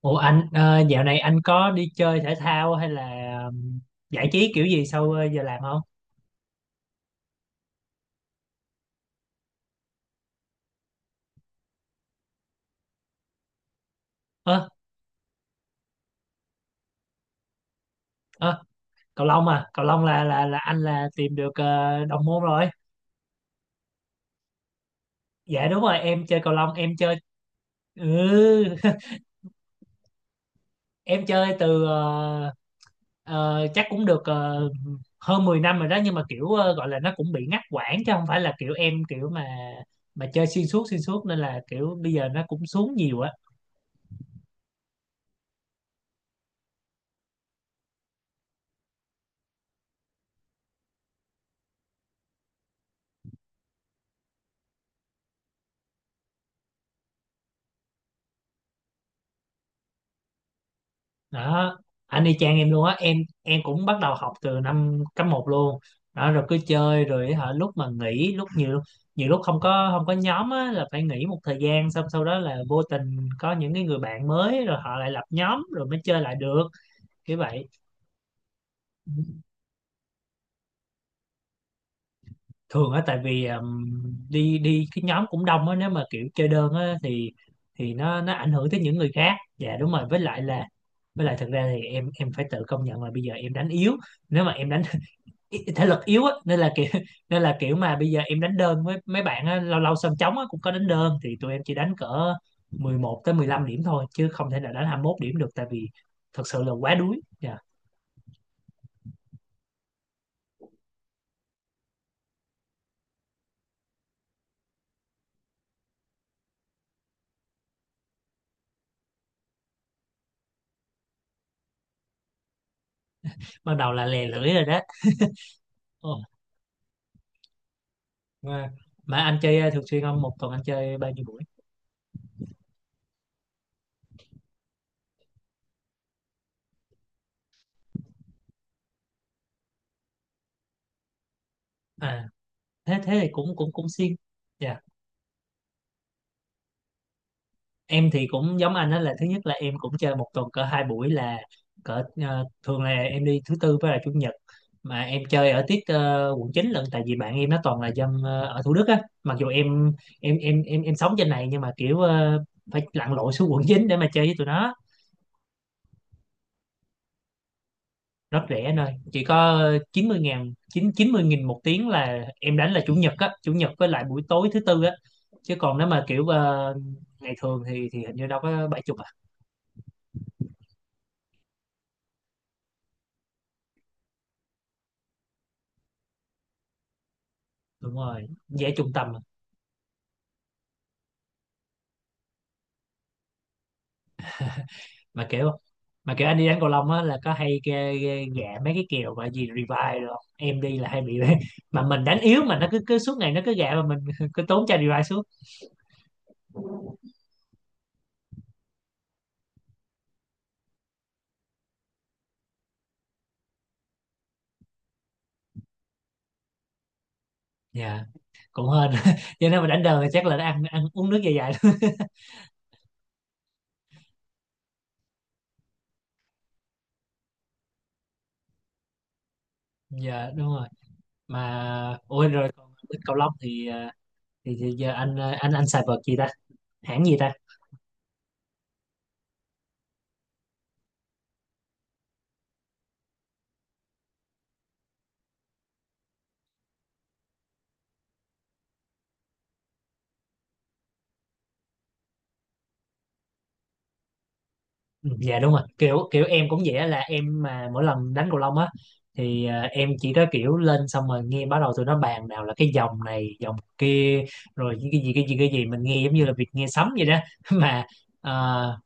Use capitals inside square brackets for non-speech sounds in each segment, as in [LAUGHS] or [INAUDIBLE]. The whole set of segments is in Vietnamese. Ủa anh, dạo này anh có đi chơi thể thao hay là ừm, giải trí kiểu gì sau giờ làm không? Ơ ơ cầu lông à, cầu lông là anh là tìm được đồng môn rồi. Dạ đúng rồi, em chơi cầu lông, em chơi, ừ. [LAUGHS] Em chơi từ chắc cũng được, hơn 10 năm rồi đó, nhưng mà kiểu gọi là nó cũng bị ngắt quãng, chứ không phải là kiểu em kiểu mà chơi xuyên suốt, nên là kiểu bây giờ nó cũng xuống nhiều á. Đó, anh y chang em luôn á. Em cũng bắt đầu học từ năm cấp một luôn, đó rồi cứ chơi rồi hả, lúc mà nghỉ lúc nhiều, nhiều lúc không có nhóm á là phải nghỉ một thời gian, xong sau đó là vô tình có những cái người bạn mới, rồi họ lại lập nhóm rồi mới chơi lại được, kiểu vậy. Thường á, tại vì đi đi cái nhóm cũng đông á, nếu mà kiểu chơi đơn á thì thì nó ảnh hưởng tới những người khác. Dạ đúng rồi, với lại là, với lại thực ra thì em phải tự công nhận là bây giờ em đánh yếu. Nếu mà em đánh thể lực yếu á, nên là kiểu [LAUGHS] nên là kiểu mà bây giờ em đánh đơn với mấy bạn á, lâu lâu sân trống á, cũng có đánh đơn, thì tụi em chỉ đánh cỡ 11 tới 15 điểm thôi, chứ không thể nào đánh 21 điểm được, tại vì thật sự là quá đuối. Dạ, bắt đầu là lè lưỡi rồi đó. Ồ, mà, mà anh chơi thường xuyên không, một tuần anh chơi bao nhiêu buổi? À, thế thế thì cũng cũng cũng xuyên. Dạ, em thì cũng giống anh đó, là thứ nhất là em cũng chơi một tuần cỡ hai buổi, là cỡ thường là em đi thứ tư với là chủ nhật. Mà em chơi ở tiết quận 9 lận, tại vì bạn em nó toàn là dân ở Thủ Đức á, mặc dù em sống trên này nhưng mà kiểu phải lặn lội xuống [LAUGHS] quận 9 để mà chơi với tụi nó. Rất rẻ anh ơi, chỉ có chín mươi ngàn, chín chín mươi nghìn một tiếng là em đánh, là chủ nhật á, chủ nhật với lại buổi tối thứ tư á. Chứ còn nếu mà kiểu ngày thường thì hình như đâu có bảy chục à. Đúng rồi, dễ trung tâm. Mà kiểu, mà kiểu anh đi đánh cầu lông á, là có hay ghê, ghê, gạ mấy cái kèo mà gì revive rồi không? Em đi là hay bị [LAUGHS] mà mình đánh yếu, mà nó cứ cứ suốt ngày nó cứ gạ mà mình [LAUGHS] cứ tốn chai revive suốt. Dạ cũng hên [LAUGHS] cho nên mà đánh đời thì chắc là nó ăn, ăn uống nước dài dài thôi. [LAUGHS] Dạ đúng rồi. Mà ôi rồi, còn bên cầu lông thì thì giờ anh, anh xài vợt gì ta, hãng gì ta? Ừ, dạ đúng rồi, kiểu kiểu em cũng vậy á, là em mà mỗi lần đánh cầu lông á thì, à, em chỉ có kiểu lên xong rồi nghe, bắt đầu tụi nó bàn nào là cái dòng này dòng kia, rồi những cái gì mình nghe giống như là việc nghe sấm vậy đó. [LAUGHS] Mà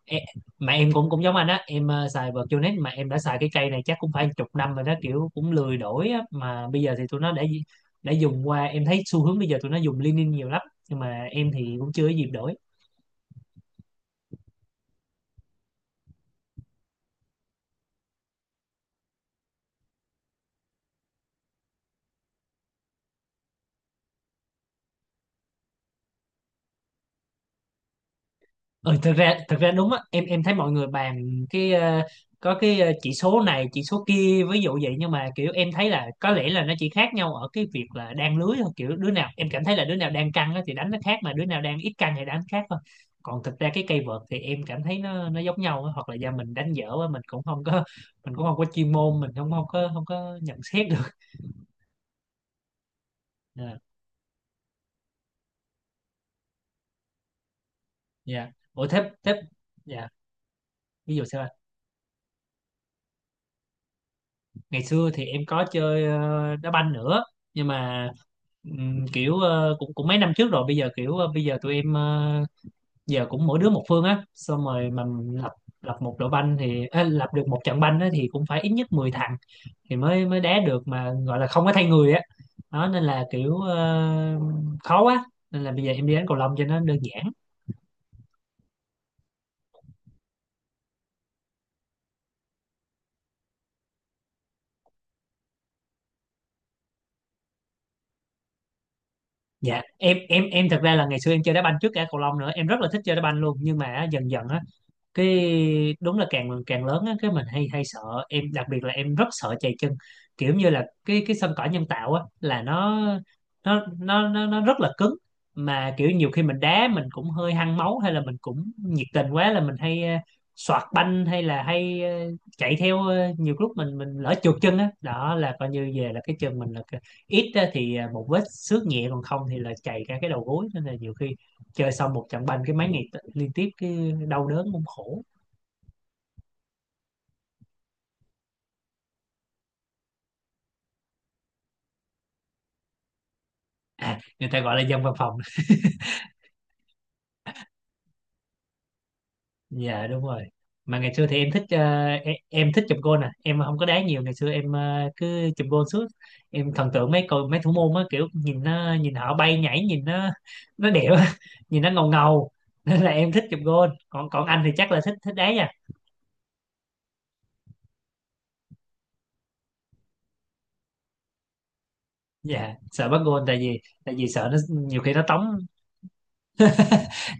em, mà em cũng cũng giống anh á, em à, xài Botanic, mà em đã xài cái cây này chắc cũng phải chục năm rồi đó, kiểu cũng lười đổi á. Mà bây giờ thì tụi nó đã dùng qua, em thấy xu hướng bây giờ tụi nó dùng Linen nhiều lắm, nhưng mà em thì cũng chưa có dịp đổi. Ừ, thực ra đúng á, em thấy mọi người bàn cái có cái chỉ số này chỉ số kia ví dụ vậy, nhưng mà kiểu em thấy là có lẽ là nó chỉ khác nhau ở cái việc là đan lưới thôi, kiểu đứa nào em cảm thấy là đứa nào đang căng á thì đánh nó khác, mà đứa nào đang ít căng thì đánh khác thôi. Còn thực ra cái cây vợt thì em cảm thấy nó giống nhau á, hoặc là do mình đánh dở á, mình cũng không có chuyên môn, mình không không có không có nhận xét được. [LAUGHS] Ờ, dạ ủa thế thế dạ, ví dụ sao anh? Ngày xưa thì em có chơi đá banh nữa, nhưng mà kiểu cũng, cũng mấy năm trước rồi, bây giờ kiểu bây giờ tụi em, giờ cũng mỗi đứa một phương á, xong rồi mà lập lập một đội banh thì á, lập được một trận banh á, thì cũng phải ít nhất 10 thằng thì mới mới đá được, mà gọi là không có thay người á, đó nên là kiểu khó quá, nên là bây giờ em đi đánh cầu lông cho nó đơn giản. Dạ em, em thật ra là ngày xưa em chơi đá banh trước cả cầu lông nữa, em rất là thích chơi đá banh luôn, nhưng mà á, dần dần á cái, đúng là càng càng lớn á cái mình hay, hay sợ. Em đặc biệt là em rất sợ chày chân, kiểu như là cái sân cỏ nhân tạo á là nó rất là cứng, mà kiểu nhiều khi mình đá mình cũng hơi hăng máu, hay là mình cũng nhiệt tình quá là mình hay soạt banh, hay là hay chạy theo, nhiều lúc mình lỡ trượt chân á, đó là coi như về là cái chân mình là cái-, ít á thì một vết xước nhẹ, còn không thì là chày cả cái đầu gối, nên là nhiều khi chơi xong một trận banh cái mấy ngày liên tiếp cái đau đớn cũng khổ. À, người ta gọi là dân văn phòng. [LAUGHS] Dạ đúng rồi. Mà ngày xưa thì em thích em thích chụp gôn nè, em không có đá nhiều, ngày xưa em cứ chụp gôn suốt. Em thần tượng mấy mấy thủ môn á, kiểu nhìn nó, nhìn họ bay nhảy, nhìn nó đẹp á, [LAUGHS] nhìn nó ngầu ngầu. [LAUGHS] Nên là em thích chụp gôn. Còn còn anh thì chắc là thích thích đá nha. Dạ sợ bắt gôn, tại vì sợ nó nhiều khi nó tống.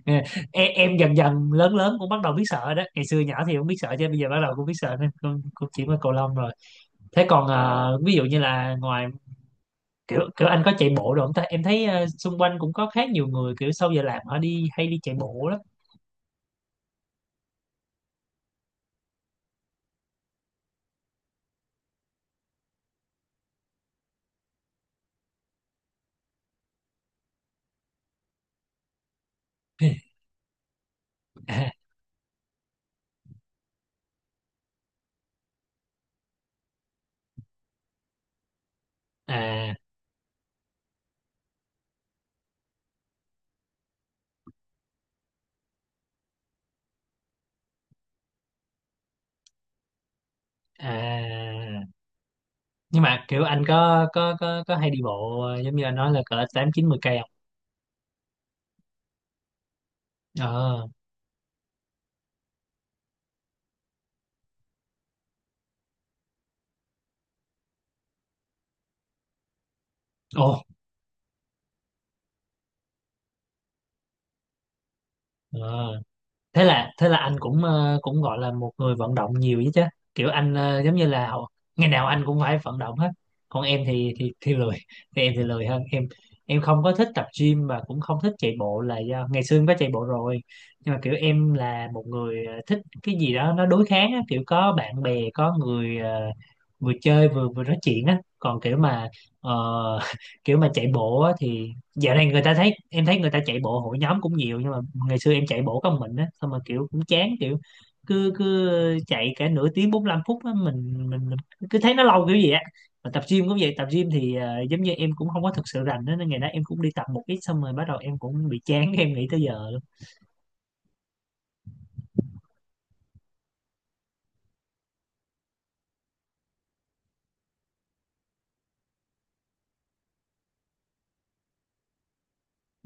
Ờ, em dần dần lớn lớn cũng bắt đầu biết sợ đó, ngày xưa nhỏ thì không biết sợ, chứ bây giờ bắt đầu cũng biết sợ, nên cũng, cũng chỉ có cầu lông rồi. Thế còn ví dụ như là ngoài kiểu kiểu anh có chạy bộ rồi không ta, em thấy xung quanh cũng có khá nhiều người kiểu sau giờ làm họ đi, hay đi chạy bộ lắm. [LAUGHS] À, à, à. Nhưng mà kiểu anh có có hay đi bộ giống như anh nói là cỡ tám chín mười cây không? Ờ, ồ, ờ. Thế là anh cũng cũng gọi là một người vận động nhiều chứ chứ, kiểu anh giống như là ngày nào anh cũng phải vận động hết. Còn em thì thì lười, [LAUGHS] thì em thì lười hơn em không có thích tập gym và cũng không thích chạy bộ, là do ngày xưa em có chạy bộ rồi, nhưng mà kiểu em là một người thích cái gì đó nó đối kháng á, kiểu có bạn bè có người vừa chơi vừa vừa nói chuyện á, còn kiểu mà ờ, [LAUGHS] kiểu mà chạy bộ á, thì dạo này người ta thấy, em thấy người ta chạy bộ hội nhóm cũng nhiều, nhưng mà ngày xưa em chạy bộ có một mình á, xong mà kiểu cũng chán, kiểu cứ cứ chạy cả nửa tiếng 45 phút á, mình cứ thấy nó lâu kiểu gì á. Mà tập gym cũng vậy, tập gym thì giống như em cũng không có thực sự rành á, nên ngày đó em cũng đi tập một ít, xong rồi bắt đầu em cũng bị chán, em nghỉ tới giờ luôn.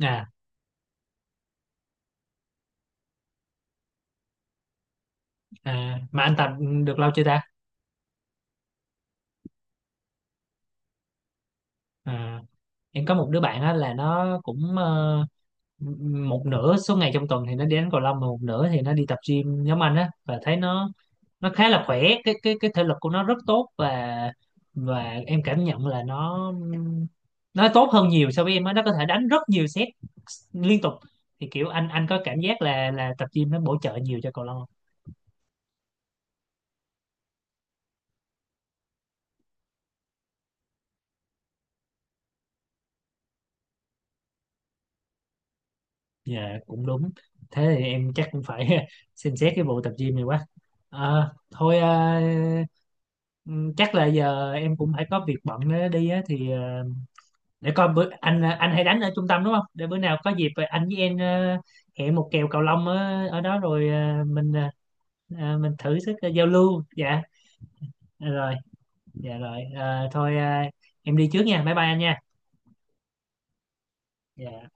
À, à mà anh tập được lâu chưa ta? À, em có một đứa bạn á, là nó cũng một nửa số ngày trong tuần thì nó đi đánh cầu lông, mà một nửa thì nó đi tập gym nhóm anh á, và thấy nó khá là khỏe, cái cái thể lực của nó rất tốt, và em cảm nhận là nó tốt hơn nhiều so với em á, nó có thể đánh rất nhiều set liên tục. Thì kiểu anh có cảm giác là tập gym nó bổ trợ nhiều cho cầu lông không? Dạ, cũng đúng, thế thì em chắc cũng phải [LAUGHS] xem xét cái vụ tập gym này quá. Ờ, thôi chắc là giờ em cũng phải có việc bận đó đi á, thì để coi bữa anh hay đánh ở trung tâm đúng không, để bữa nào có dịp anh với em hẹn một kèo cầu lông ở, ở đó rồi, mình thử sức, giao lưu. Dạ rồi, dạ rồi. Ờ, thôi em đi trước nha, bye bye anh nha. Dạ.